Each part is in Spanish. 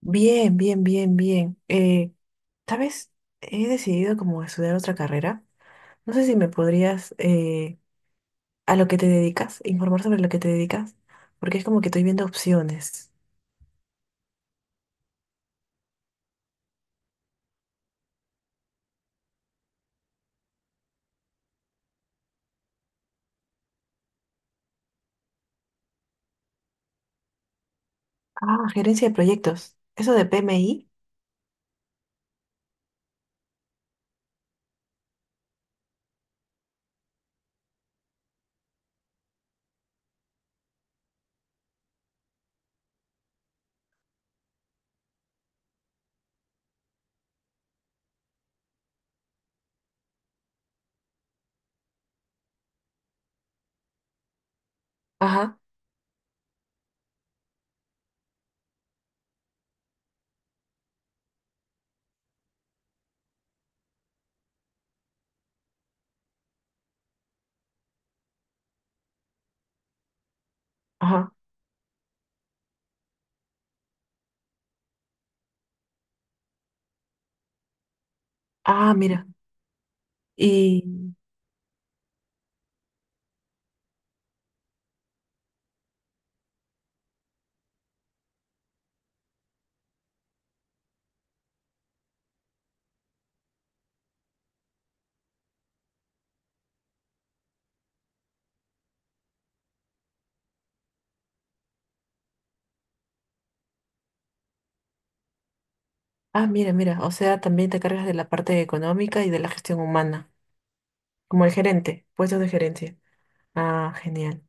Bien, bien, bien, bien. ¿Sabes? He decidido como estudiar otra carrera. No sé si me podrías, a lo que te dedicas, informar sobre lo que te dedicas, porque es como que estoy viendo opciones. Ah, gerencia de proyectos. Eso de PMI. Ajá, ajá. Ah, mira. Y, ah, mira, mira. O sea, también te cargas de la parte económica y de la gestión humana, como el gerente, puestos de gerencia. Ah, genial.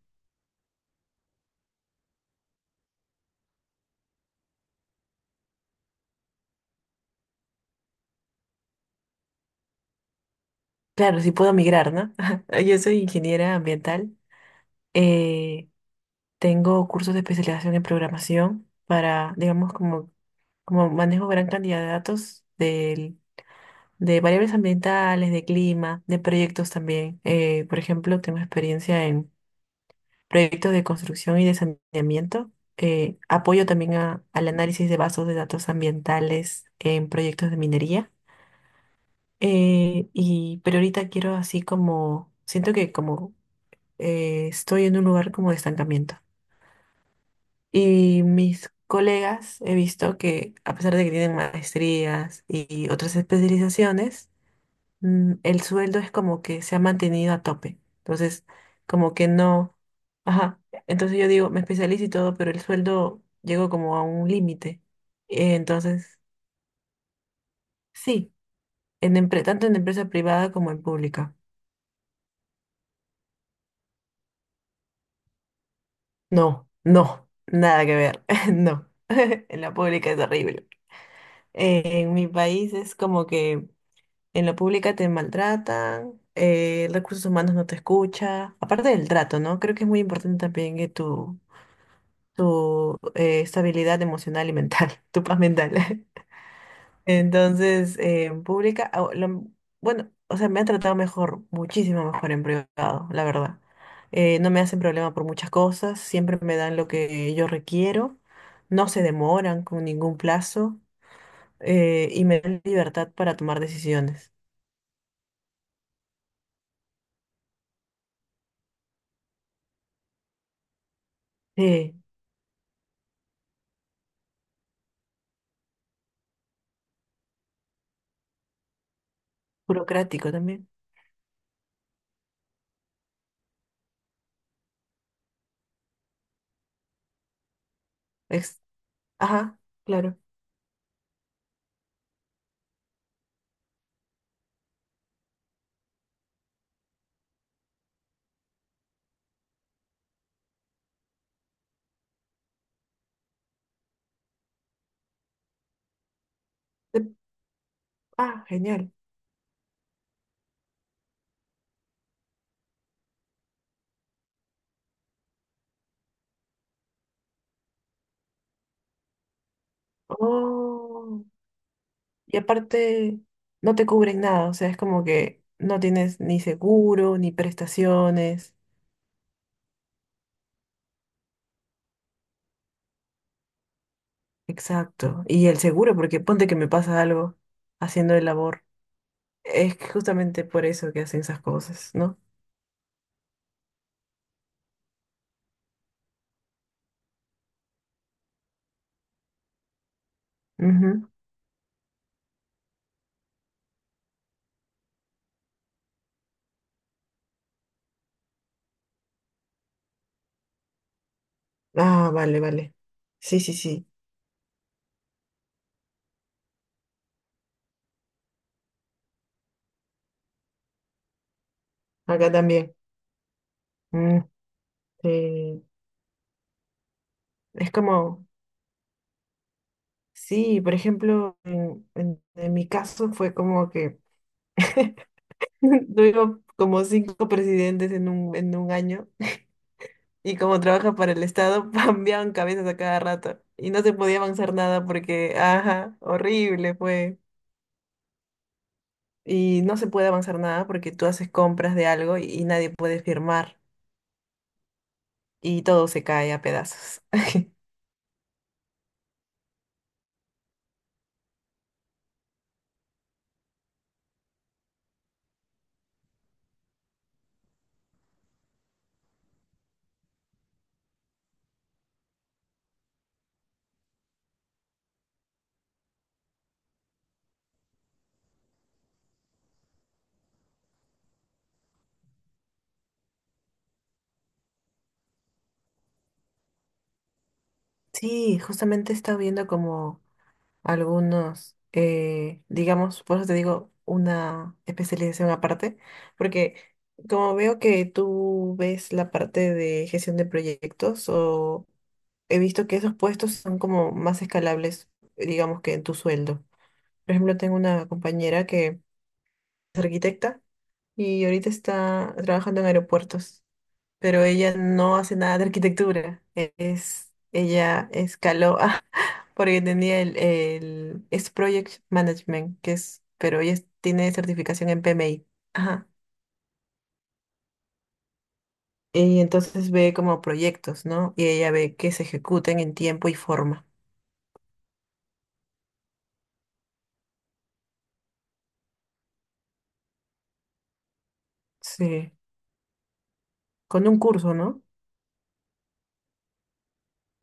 Claro, si puedo migrar, ¿no? Yo soy ingeniera ambiental. eh, Tengo cursos de especialización en programación para, digamos, como manejo gran cantidad de datos de variables ambientales, de clima, de proyectos también. Por ejemplo, tengo experiencia en proyectos de construcción y de saneamiento. Apoyo también al análisis de bases de datos ambientales en proyectos de minería. Pero ahorita quiero así como, siento que como estoy en un lugar como de estancamiento. Y mis colegas he visto que, a pesar de que tienen maestrías y otras especializaciones, el sueldo es como que se ha mantenido a tope. Entonces, como que no. Ajá. Entonces yo digo, me especializo y todo, pero el sueldo llegó como a un límite. Entonces, sí, tanto en empresa privada como en pública. No, no, nada que ver. No, en la pública es horrible. En mi país es como que en la pública te maltratan. Recursos humanos no te escucha. Aparte del trato, ¿no? Creo que es muy importante también que tu estabilidad emocional y mental, tu paz mental. Entonces, en pública, ah, bueno, o sea, me han tratado mejor, muchísimo mejor en privado, la verdad. No me hacen problema por muchas cosas, siempre me dan lo que yo requiero, no se demoran con ningún plazo y me dan libertad para tomar decisiones. Sí. Burocrático también. Es, ajá, claro. De- ah, genial. Oh, y aparte no te cubren nada, o sea, es como que no tienes ni seguro, ni prestaciones. Exacto. Y el seguro, porque ponte que me pasa algo haciendo el labor. Es que justamente por eso que hacen esas cosas, ¿no? Ujú. Ah, vale, vale. Sí, sí, sí. Acá también. Mm, sí. Es como... Sí, por ejemplo, en mi caso fue como que tuvimos como cinco presidentes en un año y como trabaja para el Estado, cambiaban cabezas a cada rato y no se podía avanzar nada porque, ajá, horrible fue. Y no se puede avanzar nada porque tú haces compras de algo y nadie puede firmar y todo se cae a pedazos. Sí, justamente he estado viendo como... algunos, digamos, por eso te digo, una especialización aparte, porque como veo que tú ves la parte de gestión de proyectos, o he visto que esos puestos son como más escalables, digamos, que en tu sueldo. Por ejemplo, tengo una compañera que es arquitecta y ahorita está trabajando en aeropuertos, pero ella no hace nada de arquitectura. Ella escaló ah, porque tenía el es Project Management, que es, pero tiene certificación en PMI. Ajá. Y entonces ve como proyectos, ¿no? Y ella ve que se ejecuten en tiempo y forma. Sí. Con un curso, ¿no?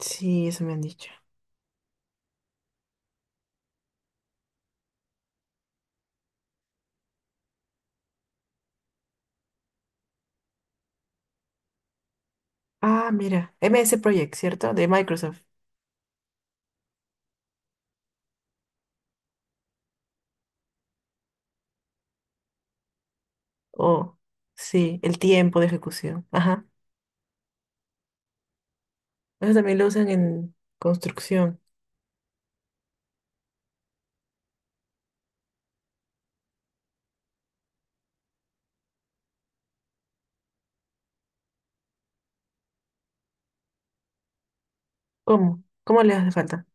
Sí, eso me han dicho. Ah, mira, MS Project, ¿cierto? De Microsoft. Oh, sí, el tiempo de ejecución. Ajá. Eso también lo usan en construcción. ¿Cómo? ¿Cómo le hace falta?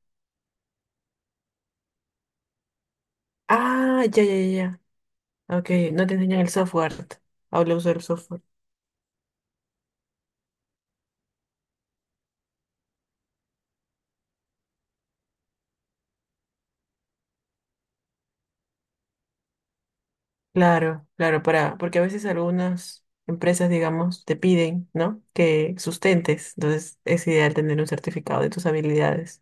Ah, ya, ya, ya. Ya. Ok, no te enseñan el software. Habla usar el software. Claro, claro, para, porque a veces algunas empresas, digamos, te piden, ¿no? Que sustentes. Entonces es ideal tener un certificado de tus habilidades.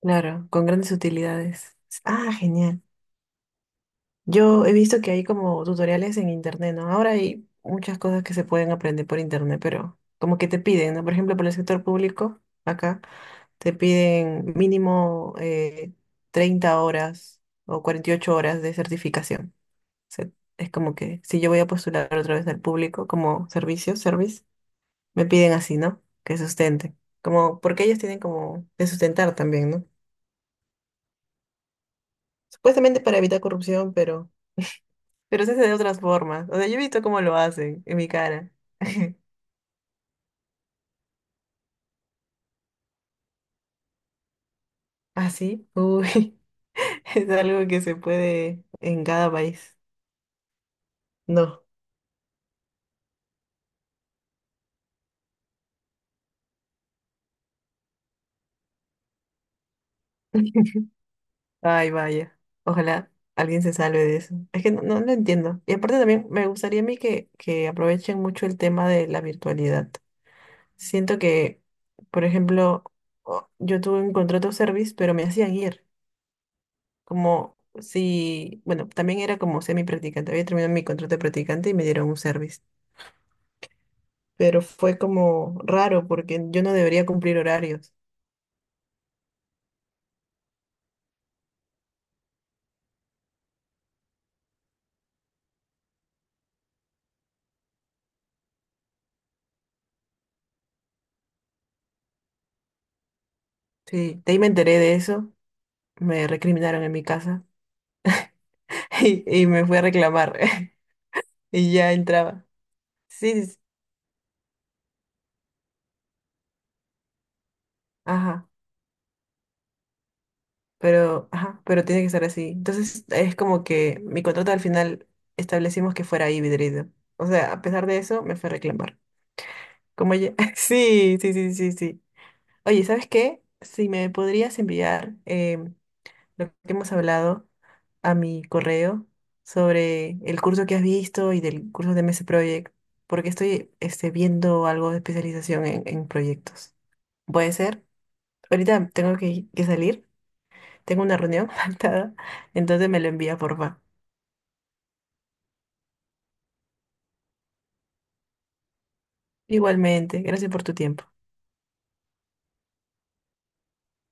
Claro, con grandes utilidades. Ah, genial. Yo he visto que hay como tutoriales en internet, ¿no? Ahora hay muchas cosas que se pueden aprender por internet, pero como que te piden, ¿no? Por ejemplo, para el sector público. Acá te piden mínimo 30 horas o 48 horas de certificación. O sea, es como que si yo voy a postular otra vez al público como servicio, service, me piden así, ¿no? Que sustenten. Como, porque ellos tienen como que sustentar también, ¿no? Supuestamente para evitar corrupción, pero se hace de otras formas. O sea, yo he visto cómo lo hacen en mi cara. Así, uy, es algo que se puede en cada país. No. Ay, vaya. Ojalá alguien se salve de eso. Es que no, no lo entiendo. Y aparte también me gustaría a mí que aprovechen mucho el tema de la virtualidad. Siento que, por ejemplo, yo tuve un contrato service, pero me hacían ir. Como si, bueno, también era como semi-practicante. Había terminado mi contrato de practicante y me dieron un service. Pero fue como raro porque yo no debería cumplir horarios. Sí, de ahí me enteré de eso. Me recriminaron en mi casa y me fui a reclamar. Y ya entraba. Sí, sí, sí. Ajá, ajá, pero tiene que ser así. Entonces es como que mi contrato al final establecimos que fuera híbrido. O sea, a pesar de eso, me fue a reclamar. Como ya. Sí, sí, sí, sí, sí. Oye, ¿sabes qué? Si me podrías enviar lo que hemos hablado a mi correo sobre el curso que has visto y del curso de MS Project, porque estoy este, viendo algo de especialización en proyectos. ¿Puede ser? Ahorita tengo que salir. Tengo una reunión faltada, entonces me lo envía, porfa. Igualmente, gracias por tu tiempo.